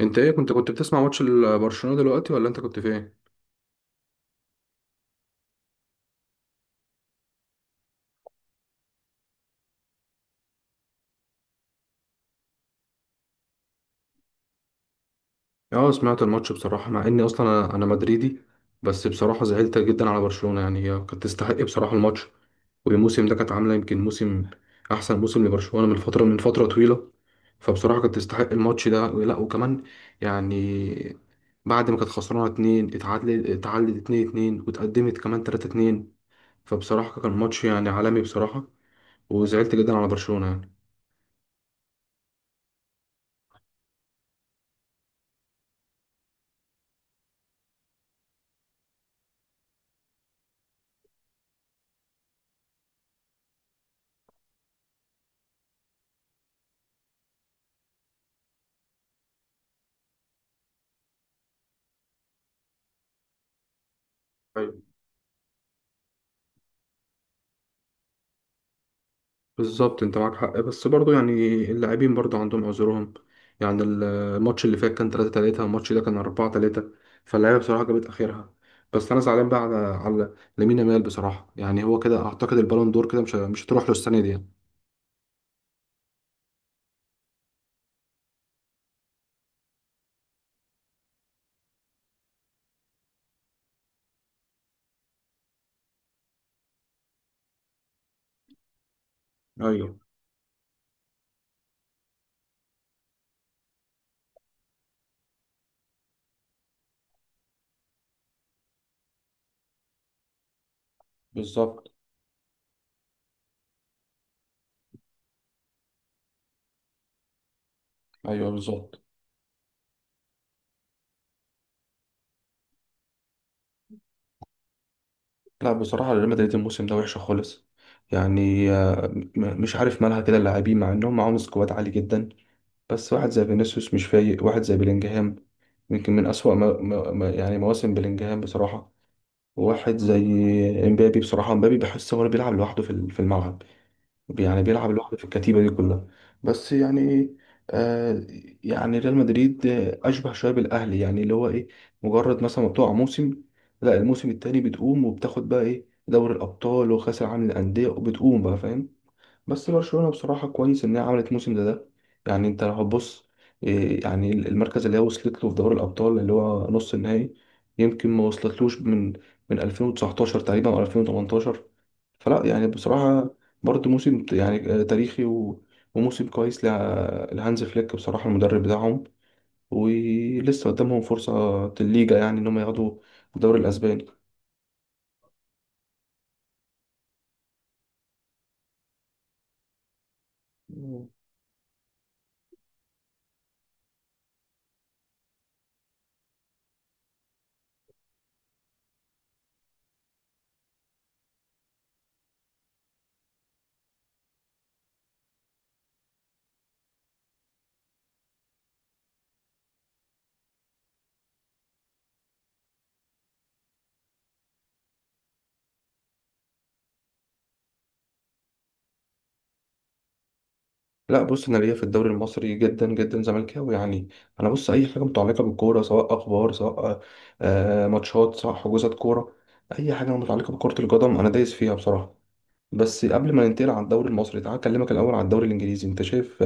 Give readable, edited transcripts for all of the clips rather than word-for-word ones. انت ايه كنت بتسمع ماتش برشلونة دلوقتي ولا انت كنت في ايه؟ اه سمعت الماتش بصراحة مع اني اصلا أنا مدريدي. بس بصراحة زعلت جدا على برشلونة، يعني هي كانت تستحق بصراحة الماتش. والموسم ده كانت عاملة يمكن احسن موسم لبرشلونة من فترة طويلة. فبصراحة كانت تستحق الماتش ده، لا وكمان يعني بعد ما كانت خسرانة اتنين، اتعادلت اتنين اتنين، واتقدمت كمان تلاتة اتنين. فبصراحة كان ماتش يعني عالمي بصراحة، وزعلت جدا على برشلونة يعني. بالظبط، انت معاك حق، بس برضو يعني اللاعبين برضو عندهم عذرهم. يعني الماتش اللي فات كان 3-3، الماتش ده كان 4-3، فاللعيبه بصراحه جابت اخرها. بس انا زعلان بقى على لامين يامال بصراحه، يعني هو كده اعتقد البالون دور كده مش هتروح له السنه دي يعني. ايوه بالظبط. ايوه بالظبط. لا بصراحه ريال مدريد الموسم ده وحشه خالص يعني. مش عارف مالها كده اللاعبين، مع انهم معاهم سكواد عالي جدا. بس واحد زي فينيسيوس مش فايق، واحد زي بلينجهام يمكن من أسوأ يعني مواسم بلينجهام بصراحة. وواحد زي امبابي، بصراحة امبابي بحس هو اللي بيلعب لوحده في الملعب، يعني بيلعب لوحده في الكتيبة دي كلها. بس يعني آه يعني ريال مدريد أشبه شوية بالأهلي، يعني اللي هو إيه، مجرد مثلا ما بتقع موسم، لا الموسم التاني بتقوم وبتاخد بقى إيه دوري الأبطال وكأس العالم للأندية وبتقوم بقى، فاهم؟ بس برشلونة بصراحة كويس إن هي عملت موسم ده. يعني أنت لو هتبص، يعني المركز اللي هي وصلت له في دوري الأبطال اللي هو نص النهائي يمكن ما وصلتلوش من 2019 تقريبا أو 2018. فلا يعني بصراحة برضه يعني تاريخي وموسم كويس لهانز فليك بصراحة، المدرب بتاعهم. ولسه قدامهم فرصة الليجا، يعني إن هم ياخدوا الدوري الأسباني. لا بص، انا ليا في الدوري المصري جدا جدا زملكاوي يعني. انا بص اي حاجه متعلقه بالكوره، سواء اخبار، سواء ماتشات، سواء حجوزات كوره، اي حاجه متعلقه بكره القدم انا دايس فيها بصراحه. بس قبل ما ننتقل على الدوري المصري، تعال اكلمك الاول على الدوري الانجليزي. انت شايف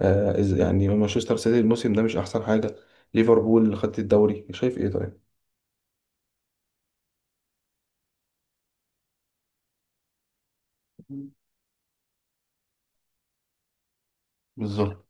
يعني مانشستر سيتي الموسم ده مش احسن حاجه، ليفربول خدت الدوري، شايف ايه طيب؟ بالظبط.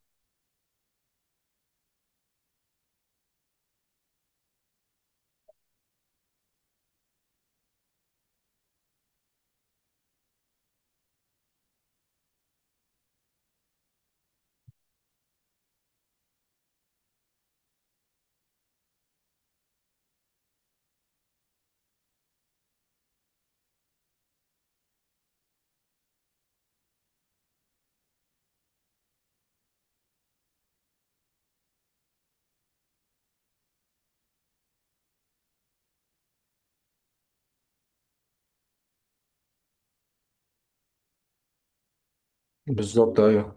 بالظبط. ايوه.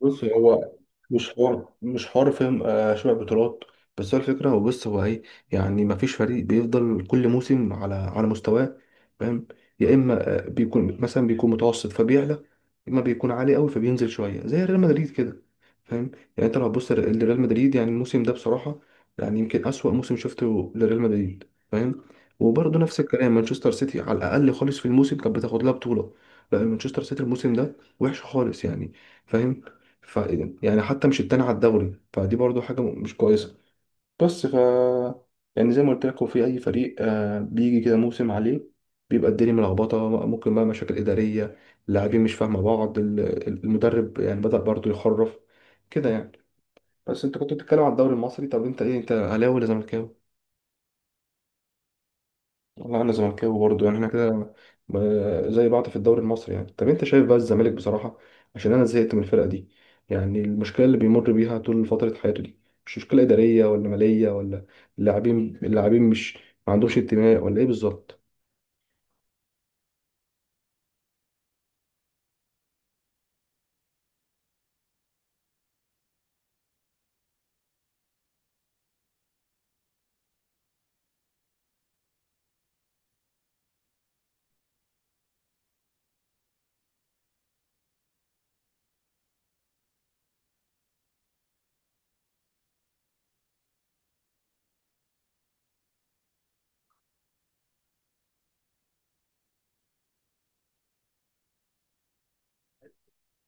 بص هو مش حوار، مش حوار، فاهم؟ شبع بطولات. بس هو الفكره، هو بص هو ايه، يعني ما فيش فريق بيفضل كل موسم على مستواه، فاهم؟ يا اما بيكون مثلا بيكون متوسط فبيعلى، يا اما بيكون عالي قوي فبينزل شويه زي ريال مدريد كده، فاهم؟ يعني انت لو هتبص لريال مدريد يعني الموسم ده بصراحه، يعني يمكن اسوأ موسم شفته لريال مدريد، فاهم؟ وبرضه نفس الكلام مانشستر سيتي، على الاقل خالص في الموسم كانت بتاخد لها بطوله. لا مانشستر سيتي الموسم ده وحش خالص يعني، فاهم؟ ف يعني حتى مش التاني على الدوري، فدي برضو حاجة مش كويسة. بس ف يعني زي ما قلت لك، هو في أي فريق بيجي كده موسم عليه، بيبقى الدنيا ملخبطة، ممكن بقى مشاكل إدارية، اللاعبين مش فاهمة بعض، المدرب يعني بدأ برضو يخرف كده يعني. بس أنت كنت بتتكلم على الدوري المصري، طب أنت أهلاوي ولا زملكاوي؟ والله انا زملكاوي برضه، يعني احنا كده زي بعض في الدوري المصري يعني. طب انت شايف بقى الزمالك بصراحه، عشان انا زهقت من الفرقه دي، يعني المشكله اللي بيمر بيها طول فتره حياته دي مش مشكله اداريه ولا ماليه ولا، اللاعبين مش ما عندهمش انتماء، ولا ايه بالظبط؟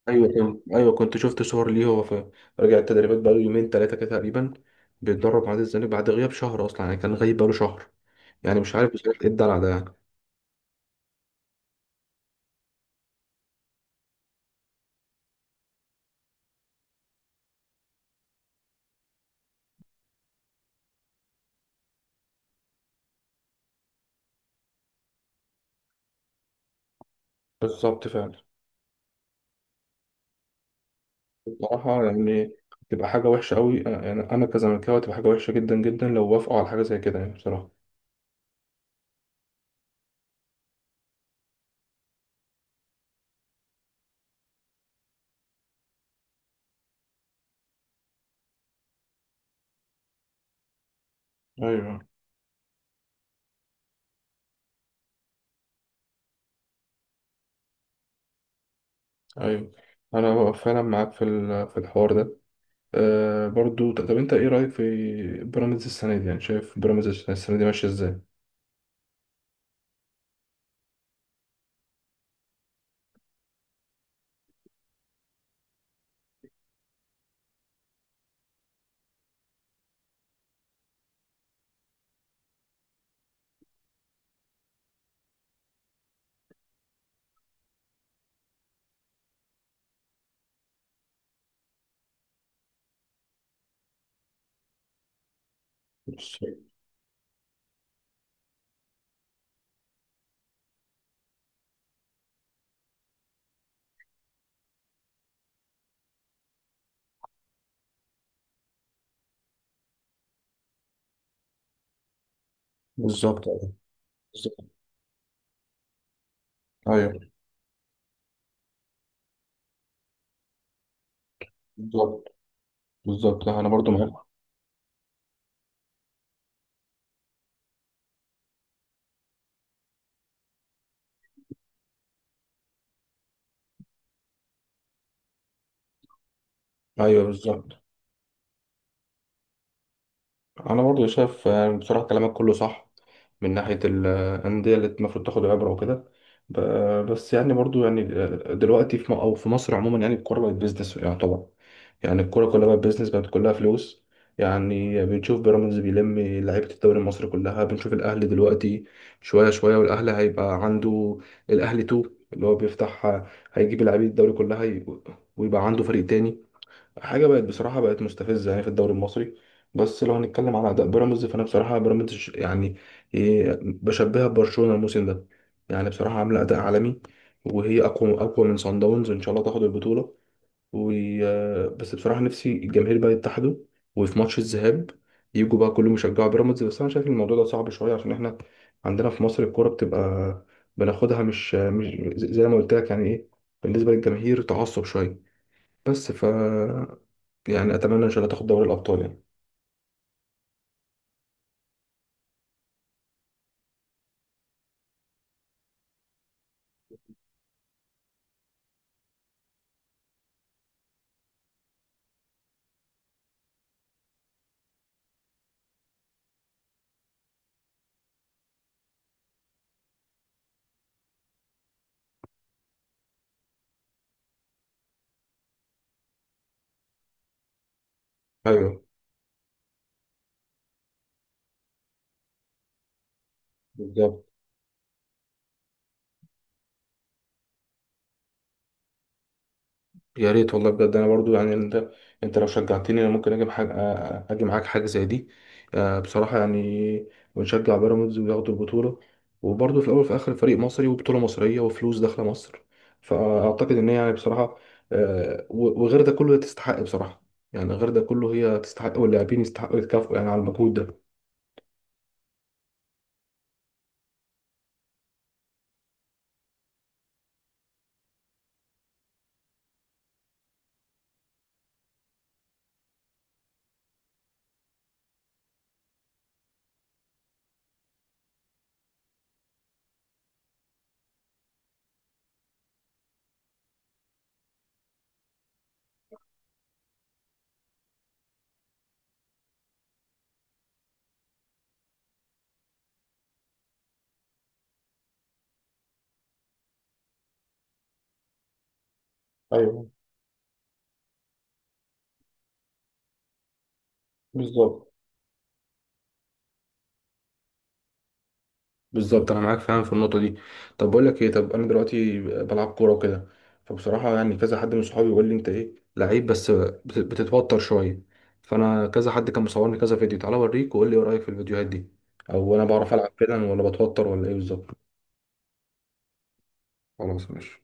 ايوه، كنت شفت صور ليه، هو في رجع التدريبات بقاله يومين ثلاثه كده تقريبا، بيتدرب مع نادي الزمالك بعد غياب شهر، اصلا يعني كان غايب بقاله شهر. يعني مش عارف بصراحه ايه الدلع ده يعني. بالظبط فعلا. بصراحة يعني تبقى حاجة وحشة أوي، يعني أنا كزملكاوي تبقى حاجة وحشة جدا جدا لو وافقوا على حاجة زي كده يعني بصراحة. أيوه. أيوه. أنا فعلا معاك في في الحوار ده. طب أنت إيه رأيك في بيراميدز السنة دي، يعني شايف بيراميدز السنة دي ماشية إزاي؟ بص- بالظبط. بالظبط. أيوه بالظبط. بالظبط أنا برضو معاك. أيوه بالظبط، انا برضو شايف بصراحه كلامك كله صح من ناحيه الانديه اللي المفروض تاخد عبره وكده. بس يعني برضو يعني دلوقتي في م- او في مصر عموما يعني الكوره بقت بيزنس يعتبر، يعني الكوره كلها بقت بيزنس، بقت كلها فلوس. يعني بنشوف بيراميدز بيلم لعيبه الدوري المصري كلها، بنشوف الاهلي دلوقتي شويه شويه والاهلي هيبقى عنده الاهلي 2 اللي هو بيفتح، هيجيب لعيبه الدوري كلها، ويبقى عنده فريق تاني. حاجه بقت بصراحه بقت مستفزه يعني في الدوري المصري. بس لو هنتكلم على اداء بيراميدز، فانا بصراحه بيراميدز يعني بشبهها ببرشلونه الموسم ده، يعني بصراحه عامله اداء عالمي، وهي اقوى اقوى من صن داونز، ان شاء الله تاخد البطوله. و بس بصراحه نفسي الجماهير بقى يتحدوا، وفي ماتش الذهاب يجوا بقى كلهم يشجعوا بيراميدز. بس انا شايف الموضوع ده صعب شويه، عشان احنا عندنا في مصر الكوره بتبقى بناخدها، مش زي ما قلت لك، يعني ايه، بالنسبه للجماهير تعصب شويه. بس ف يعني اتمنى ان شاء الله تاخد دوري الابطال يعني. ايوه بالظبط. يا ريت والله بجد، انا برضو يعني انت لو شجعتني انا ممكن اجي بحاجه، اجي معاك حاجه زي دي. بصراحه يعني ونشجع بيراميدز وياخدوا البطوله، وبرضو في الاول وفي الاخر فريق مصري وبطوله مصريه وفلوس داخله مصر. فاعتقد ان هي يعني بصراحه، وغير ده كله هي تستحق بصراحه، يعني غير ده كله هي تستحق، واللاعبين يستحقوا يتكافئوا يعني على المجهود ده. ايوه بالظبط. بالظبط انا معاك فعلا في النقطه دي. طب بقول لك ايه، طب انا دلوقتي بلعب كوره وكده، فبصراحه يعني كذا حد من صحابي بيقول لي انت ايه لعيب، بس بتتوتر شويه، فانا كذا حد كان مصورني كذا فيديو. تعالى اوريك وقول لي ايه رايك في الفيديوهات دي، او انا بعرف العب فعلا ولا بتوتر ولا ايه بالظبط. خلاص ماشي.